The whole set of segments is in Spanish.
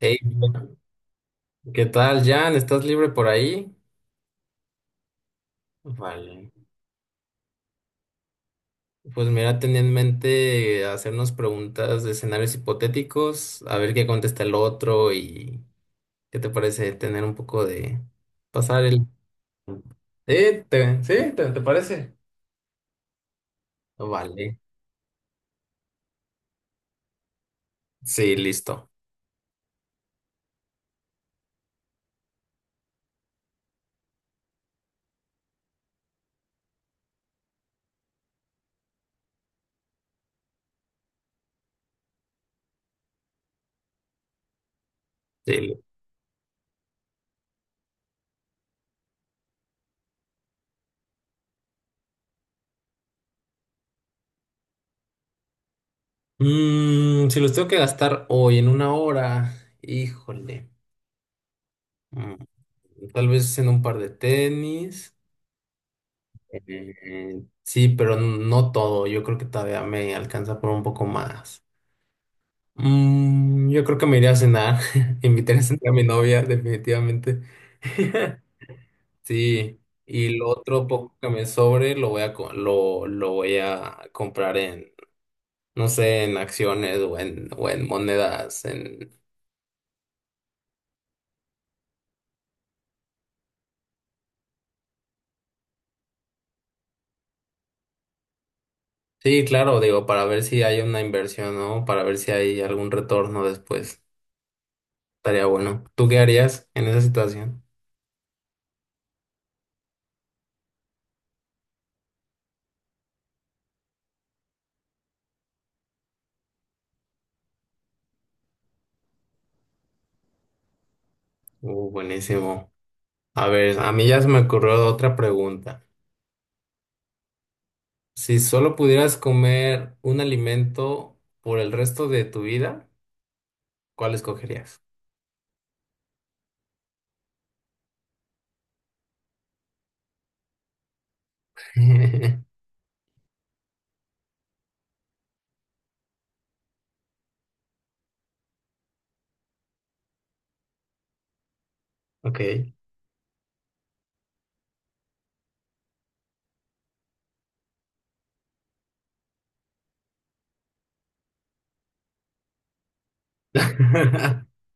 Hey, ¿qué tal, Jan? ¿Estás libre por ahí? Vale. Pues mira, tenía en mente hacernos preguntas de escenarios hipotéticos, a ver qué contesta el otro y qué te parece tener un poco de pasar el. Sí, ¿te parece? Vale. Sí, listo. Sí, li- si los tengo que gastar hoy en una hora, híjole. Mm, tal vez en un par de tenis. Sí, pero no todo. Yo creo que todavía me alcanza por un poco más. Yo creo que me iré a cenar. Invitaré a cenar a mi novia, definitivamente. Sí. Y lo otro poco que me sobre lo voy a lo voy a comprar en, no sé, en acciones o en monedas. En. Sí, claro, digo, para ver si hay una inversión, ¿no? Para ver si hay algún retorno después. Estaría bueno. ¿Tú qué harías en esa situación? Buenísimo. A ver, a mí ya se me ocurrió otra pregunta. Si solo pudieras comer un alimento por el resto de tu vida, ¿cuál escogerías? Ok.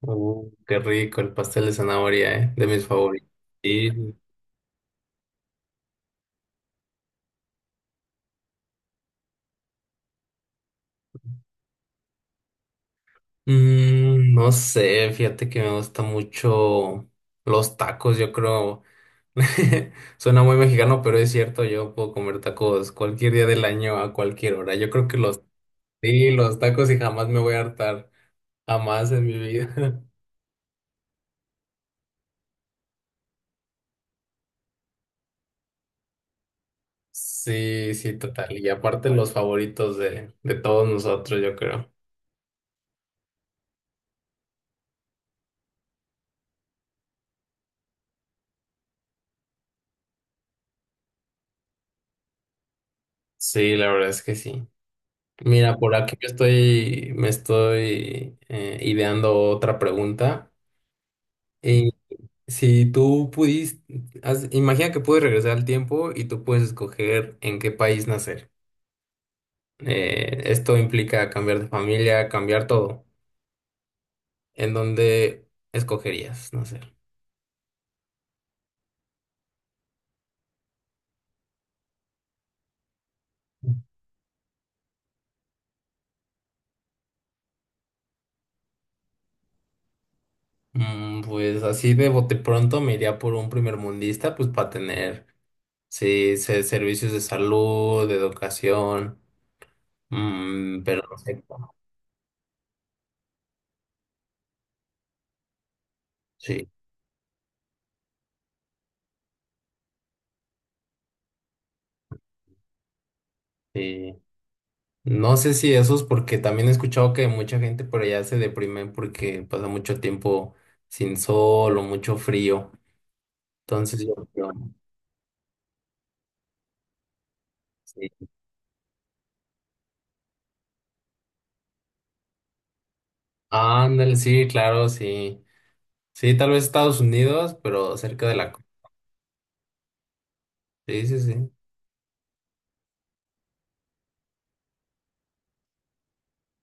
Qué rico el pastel de zanahoria, ¿eh? De mis favoritos. Y, no sé, fíjate que me gusta mucho los tacos, yo creo. Suena muy mexicano, pero es cierto, yo puedo comer tacos cualquier día del año a cualquier hora. Yo creo que los sí, los tacos y jamás me voy a hartar, jamás en mi vida. Sí, sí, total. Y aparte los favoritos de todos nosotros, yo creo. Sí, la verdad es que sí. Mira, por aquí yo estoy, me estoy ideando otra pregunta. Y si tú pudiste, imagina que puedes regresar al tiempo y tú puedes escoger en qué país nacer. Esto implica cambiar de familia, cambiar todo. ¿En dónde escogerías nacer? Pues así de bote pronto me iría por un primermundista, pues para tener, sí, servicios de salud, de educación, pero no sé cómo. Sí, sí. No sé si esos, porque también he escuchado que mucha gente por allá se deprime porque pasa mucho tiempo sin sol o mucho frío. Entonces yo creo, sí. Ándale, sí, claro, sí. Sí, tal vez Estados Unidos, pero cerca de la costa. Sí, sí, sí.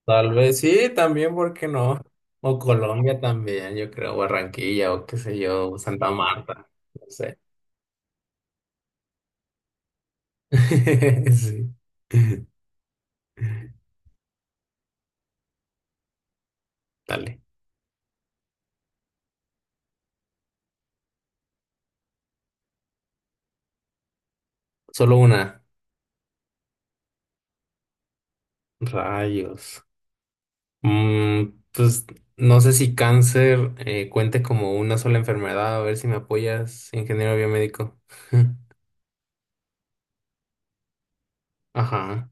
Tal vez sí, también, ¿por qué no? O Colombia también, yo creo, Barranquilla o qué sé yo, Santa Marta, no sé. Sí. Dale. Solo una. Rayos. Pues no sé si cáncer cuente como una sola enfermedad, a ver si me apoyas, ingeniero biomédico. Ajá.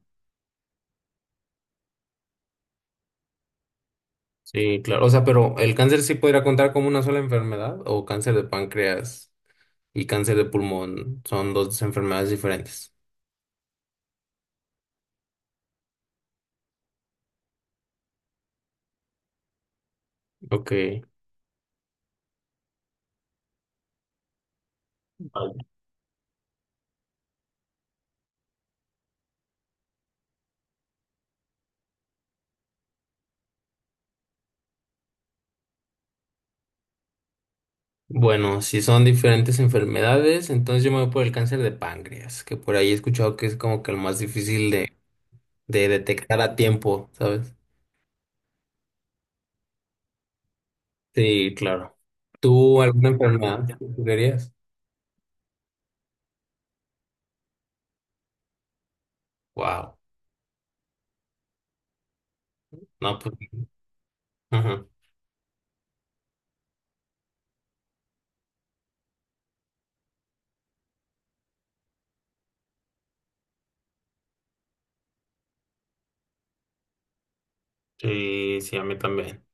Sí, claro. O sea, pero el cáncer sí podría contar como una sola enfermedad o cáncer de páncreas y cáncer de pulmón son dos enfermedades diferentes. Ok, vale. Bueno, si son diferentes enfermedades, entonces yo me voy por el cáncer de páncreas, que por ahí he escuchado que es como que el más difícil de detectar a tiempo, ¿sabes? Sí, claro. ¿Tú alguna enfermedad que tú querías? Wow. No, pues, ajá. Sí, sí, a mí también.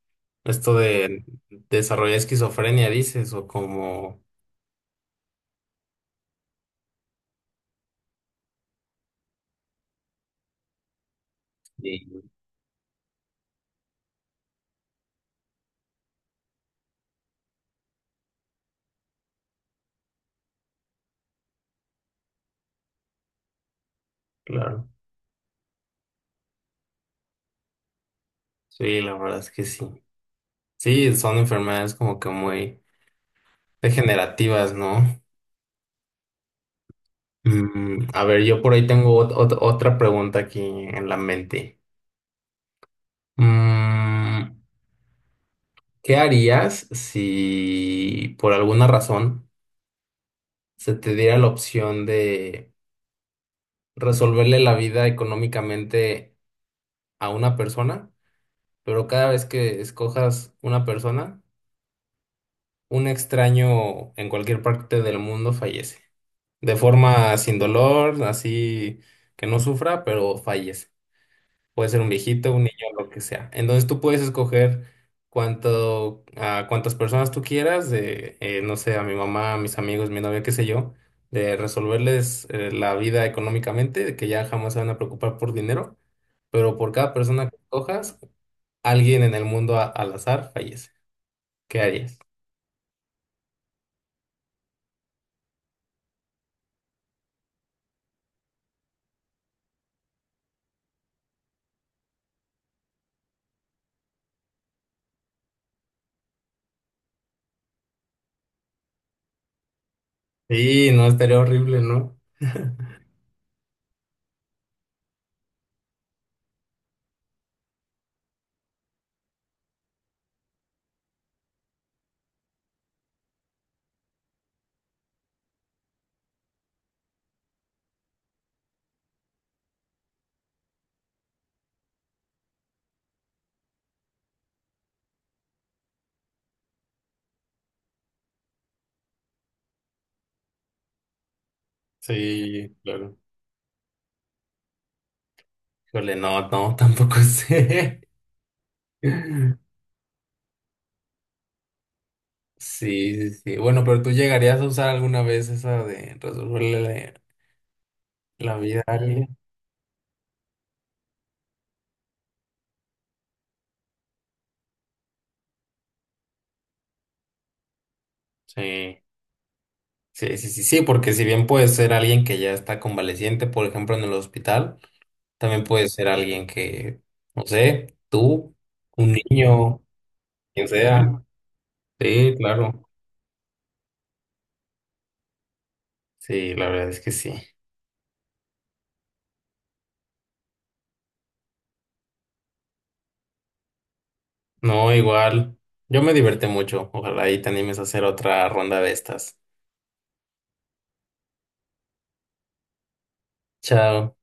Esto de desarrollar esquizofrenia, dices, o como. Sí, claro. Sí, la verdad es que sí. Sí, son enfermedades como que muy degenerativas, ¿no? A ver, yo por ahí tengo otra pregunta aquí en la mente. Mm, ¿Qué harías si por alguna razón se te diera la opción de resolverle la vida económicamente a una persona, pero cada vez que escojas una persona, un extraño en cualquier parte del mundo fallece? De forma sin dolor, así que no sufra, pero fallece. Puede ser un viejito, un niño, lo que sea. Entonces tú puedes escoger cuánto, a cuántas personas tú quieras, no sé, a mi mamá, a mis amigos, mi novia, qué sé yo, de resolverles la vida económicamente, de que ya jamás se van a preocupar por dinero, pero por cada persona que cojas, alguien en el mundo al azar fallece. ¿Qué harías? Sí, no, estaría horrible, ¿no? Sí, claro. Híjole, no, no, tampoco sé. Sí, sí, sí. Bueno, pero tú llegarías a usar alguna vez esa de resolverle la, la vida a alguien. Sí. Sí, sí, sí, sí, porque si bien puede ser alguien que ya está convaleciente, por ejemplo, en el hospital, también puede ser alguien que, no sé, tú, un niño, quien sea. Sí, claro. Sí, la verdad es que sí. No, igual. Yo me divertí mucho. Ojalá ahí te animes a hacer otra ronda de estas. Chao.